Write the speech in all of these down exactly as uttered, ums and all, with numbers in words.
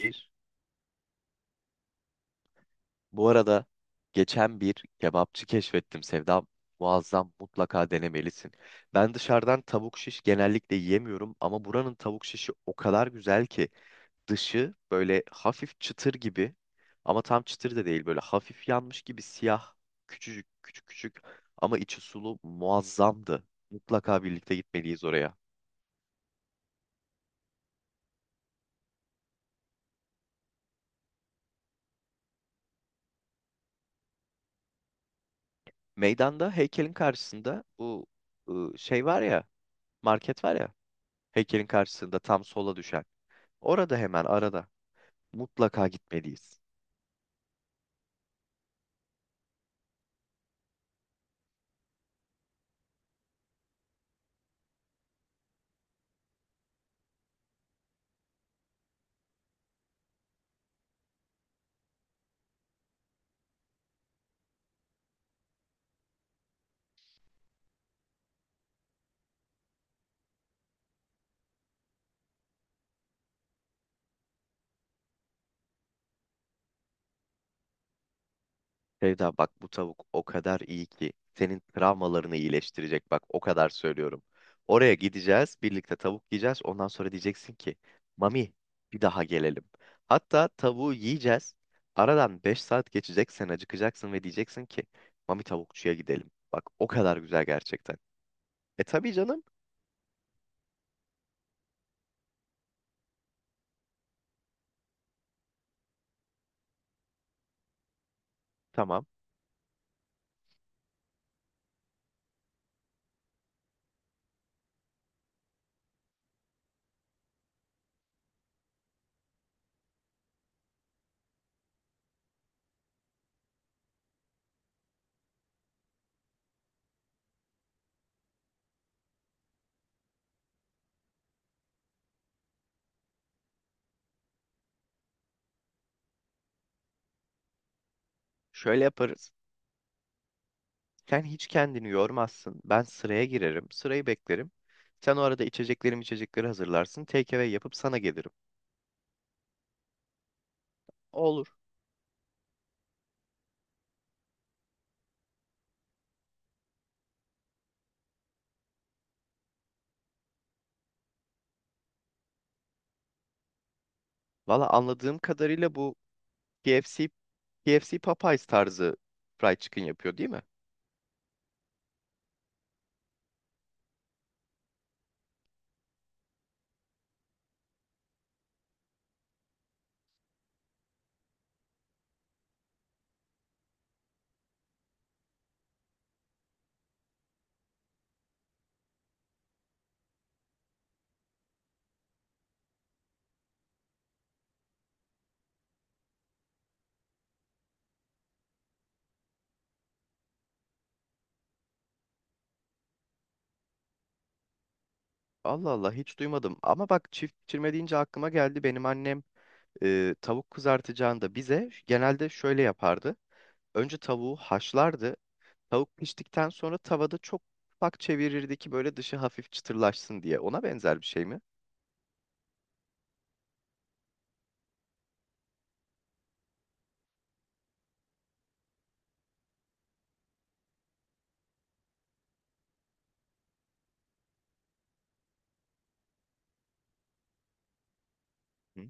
Bir. Bu arada geçen bir kebapçı keşfettim, Sevda. Muazzam, mutlaka denemelisin. Ben dışarıdan tavuk şiş genellikle yiyemiyorum ama buranın tavuk şişi o kadar güzel ki, dışı böyle hafif çıtır gibi ama tam çıtır da değil, böyle hafif yanmış gibi siyah, küçücük küçük küçük ama içi sulu, muazzamdı. Mutlaka birlikte gitmeliyiz oraya. Meydanda heykelin karşısında, bu ıı, şey var ya, market var ya, heykelin karşısında tam sola düşen. Orada, hemen arada mutlaka gitmeliyiz. Sevda, bak bu tavuk o kadar iyi ki senin travmalarını iyileştirecek, bak o kadar söylüyorum. Oraya gideceğiz, birlikte tavuk yiyeceğiz, ondan sonra diyeceksin ki Mami, bir daha gelelim. Hatta tavuğu yiyeceğiz, aradan beş saat geçecek, sen acıkacaksın ve diyeceksin ki Mami, tavukçuya gidelim. Bak o kadar güzel, gerçekten. E tabii canım, tamam, şöyle yaparız. Sen hiç kendini yormazsın. Ben sıraya girerim, sırayı beklerim. Sen o arada içeceklerim içecekleri hazırlarsın. Take away yapıp sana gelirim. Olur. Valla anladığım kadarıyla bu K F C, K F C Popeyes tarzı fried chicken yapıyor değil mi? Allah Allah, hiç duymadım. Ama bak, çift pişirme deyince aklıma geldi. Benim annem e, tavuk kızartacağında bize genelde şöyle yapardı. Önce tavuğu haşlardı. Tavuk piştikten sonra tavada çok ufak çevirirdi ki böyle dışı hafif çıtırlaşsın diye. Ona benzer bir şey mi? Hı?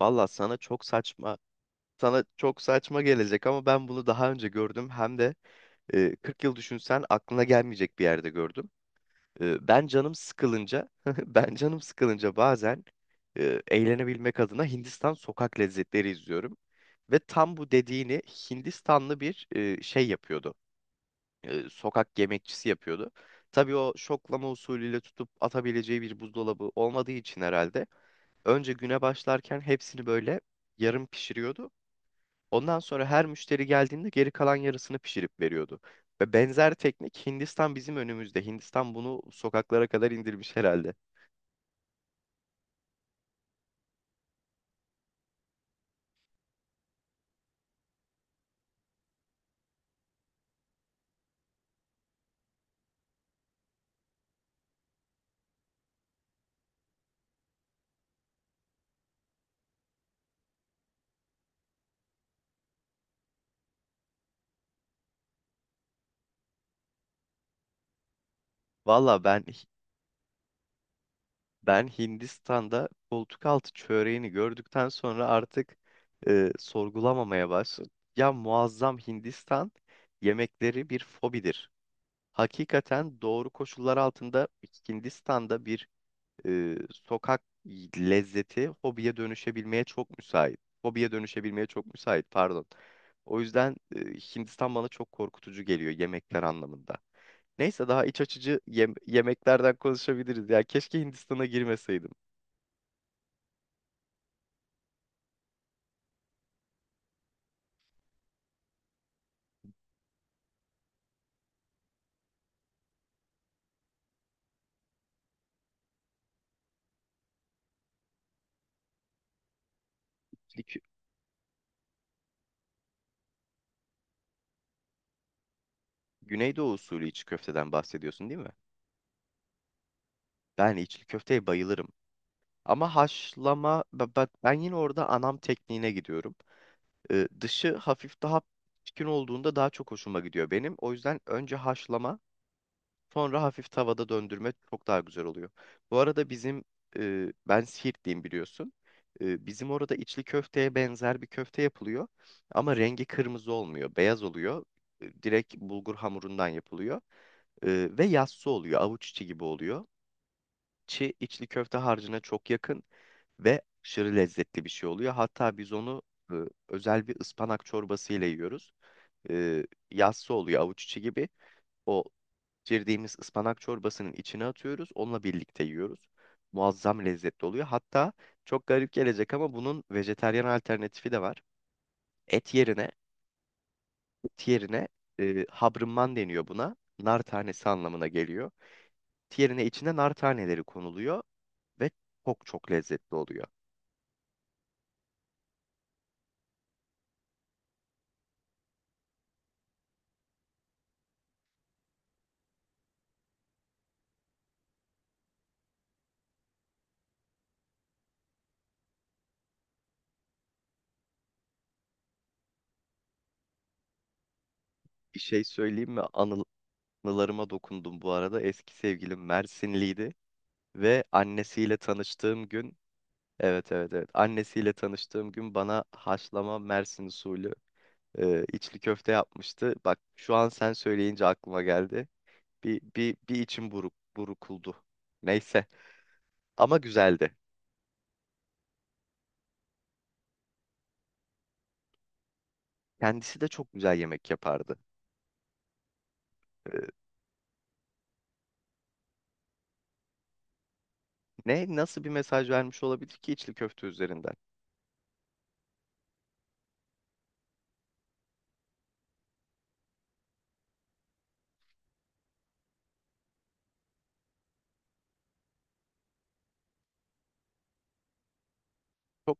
Vallahi sana çok saçma sana çok saçma gelecek ama ben bunu daha önce gördüm, hem de e, kırk yıl düşünsen aklına gelmeyecek bir yerde gördüm. E, ben canım sıkılınca ben canım sıkılınca bazen e, eğlenebilmek adına Hindistan sokak lezzetleri izliyorum ve tam bu dediğini Hindistanlı bir e, şey yapıyordu. E, sokak yemekçisi yapıyordu. Tabii o, şoklama usulüyle tutup atabileceği bir buzdolabı olmadığı için herhalde, önce güne başlarken hepsini böyle yarım pişiriyordu. Ondan sonra her müşteri geldiğinde geri kalan yarısını pişirip veriyordu. Ve benzer teknik, Hindistan bizim önümüzde. Hindistan bunu sokaklara kadar indirmiş herhalde. Valla ben Ben Hindistan'da koltuk altı çöreğini gördükten sonra artık e, sorgulamamaya başladım. Ya muazzam, Hindistan yemekleri bir fobidir. Hakikaten doğru koşullar altında Hindistan'da bir e, sokak lezzeti hobiye dönüşebilmeye çok müsait. Hobiye dönüşebilmeye çok müsait, pardon. O yüzden e, Hindistan bana çok korkutucu geliyor yemekler anlamında. Neyse, daha iç açıcı yem- yemeklerden konuşabiliriz. Ya keşke Hindistan'a girmeseydim. İçli kö- Güneydoğu usulü içli köfteden bahsediyorsun değil mi? Ben içli köfteye bayılırım. Ama haşlama, ba- ba- ben yine orada anam tekniğine gidiyorum. Ee, dışı hafif daha pişkin olduğunda daha çok hoşuma gidiyor benim. O yüzden önce haşlama, sonra hafif tavada döndürme çok daha güzel oluyor. Bu arada bizim, e, ben Siirtliyim, biliyorsun. E, bizim orada içli köfteye benzer bir köfte yapılıyor. Ama rengi kırmızı olmuyor, beyaz oluyor. E, direkt bulgur hamurundan yapılıyor. E, ve yassı oluyor, avuç içi gibi oluyor. Çi içli köfte harcına çok yakın ve aşırı lezzetli bir şey oluyor. Hatta biz onu e, özel bir ıspanak çorbası ile yiyoruz. E, yassı oluyor, avuç içi gibi. O pişirdiğimiz ıspanak çorbasının içine atıyoruz. Onunla birlikte yiyoruz. Muazzam lezzetli oluyor. Hatta çok garip gelecek ama bunun vejetaryen alternatifi de var. Et yerine, et yerine e, habrımman deniyor buna. Nar tanesi anlamına geliyor. Et yerine içine nar taneleri konuluyor ve çok çok lezzetli oluyor. Bir şey söyleyeyim mi? Anıl- Anılarıma dokundum bu arada. Eski sevgilim Mersinliydi ve annesiyle tanıştığım gün, evet evet evet, annesiyle tanıştığım gün bana haşlama Mersin usulü e, içli köfte yapmıştı. Bak şu an sen söyleyince aklıma geldi. Bir, bir, bir içim buruk, burukuldu. Neyse, ama güzeldi. Kendisi de çok güzel yemek yapardı. E, ne, nasıl bir mesaj vermiş olabilir ki içli köfte üzerinden? Çok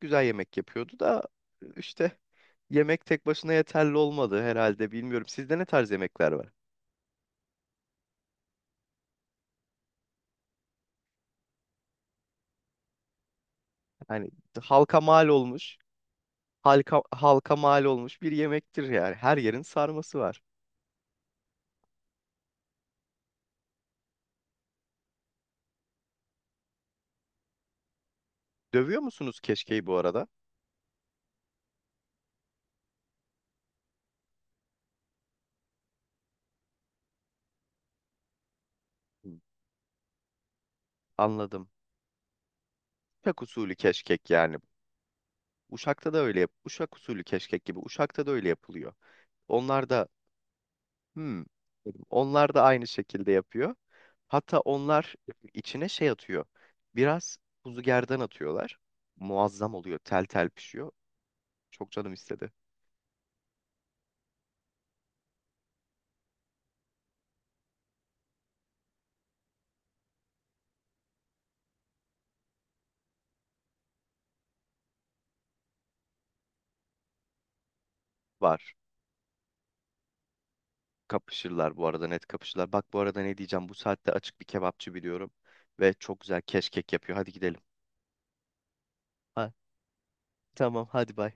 güzel yemek yapıyordu da işte, yemek tek başına yeterli olmadı herhalde, bilmiyorum. Sizde ne tarz yemekler var? Hani halka mal olmuş, halka, halka mal olmuş bir yemektir yani. Her yerin sarması var. Dövüyor musunuz keşkeyi bu arada? Hı. Anladım. Uşak usulü keşkek yani. Uşak'ta da öyle yap. Uşak usulü keşkek gibi. Uşak'ta da öyle yapılıyor. Onlar da Hmm. dedim. Onlar da aynı şekilde yapıyor. Hatta onlar içine şey atıyor. Biraz kuzu gerdan atıyorlar. Muazzam oluyor. Tel tel pişiyor. Çok canım istedi. Var. Kapışırlar bu arada, net kapışırlar. Bak bu arada ne diyeceğim. Bu saatte açık bir kebapçı biliyorum. Ve çok güzel keşkek yapıyor. Hadi gidelim. Ha, tamam, hadi bay.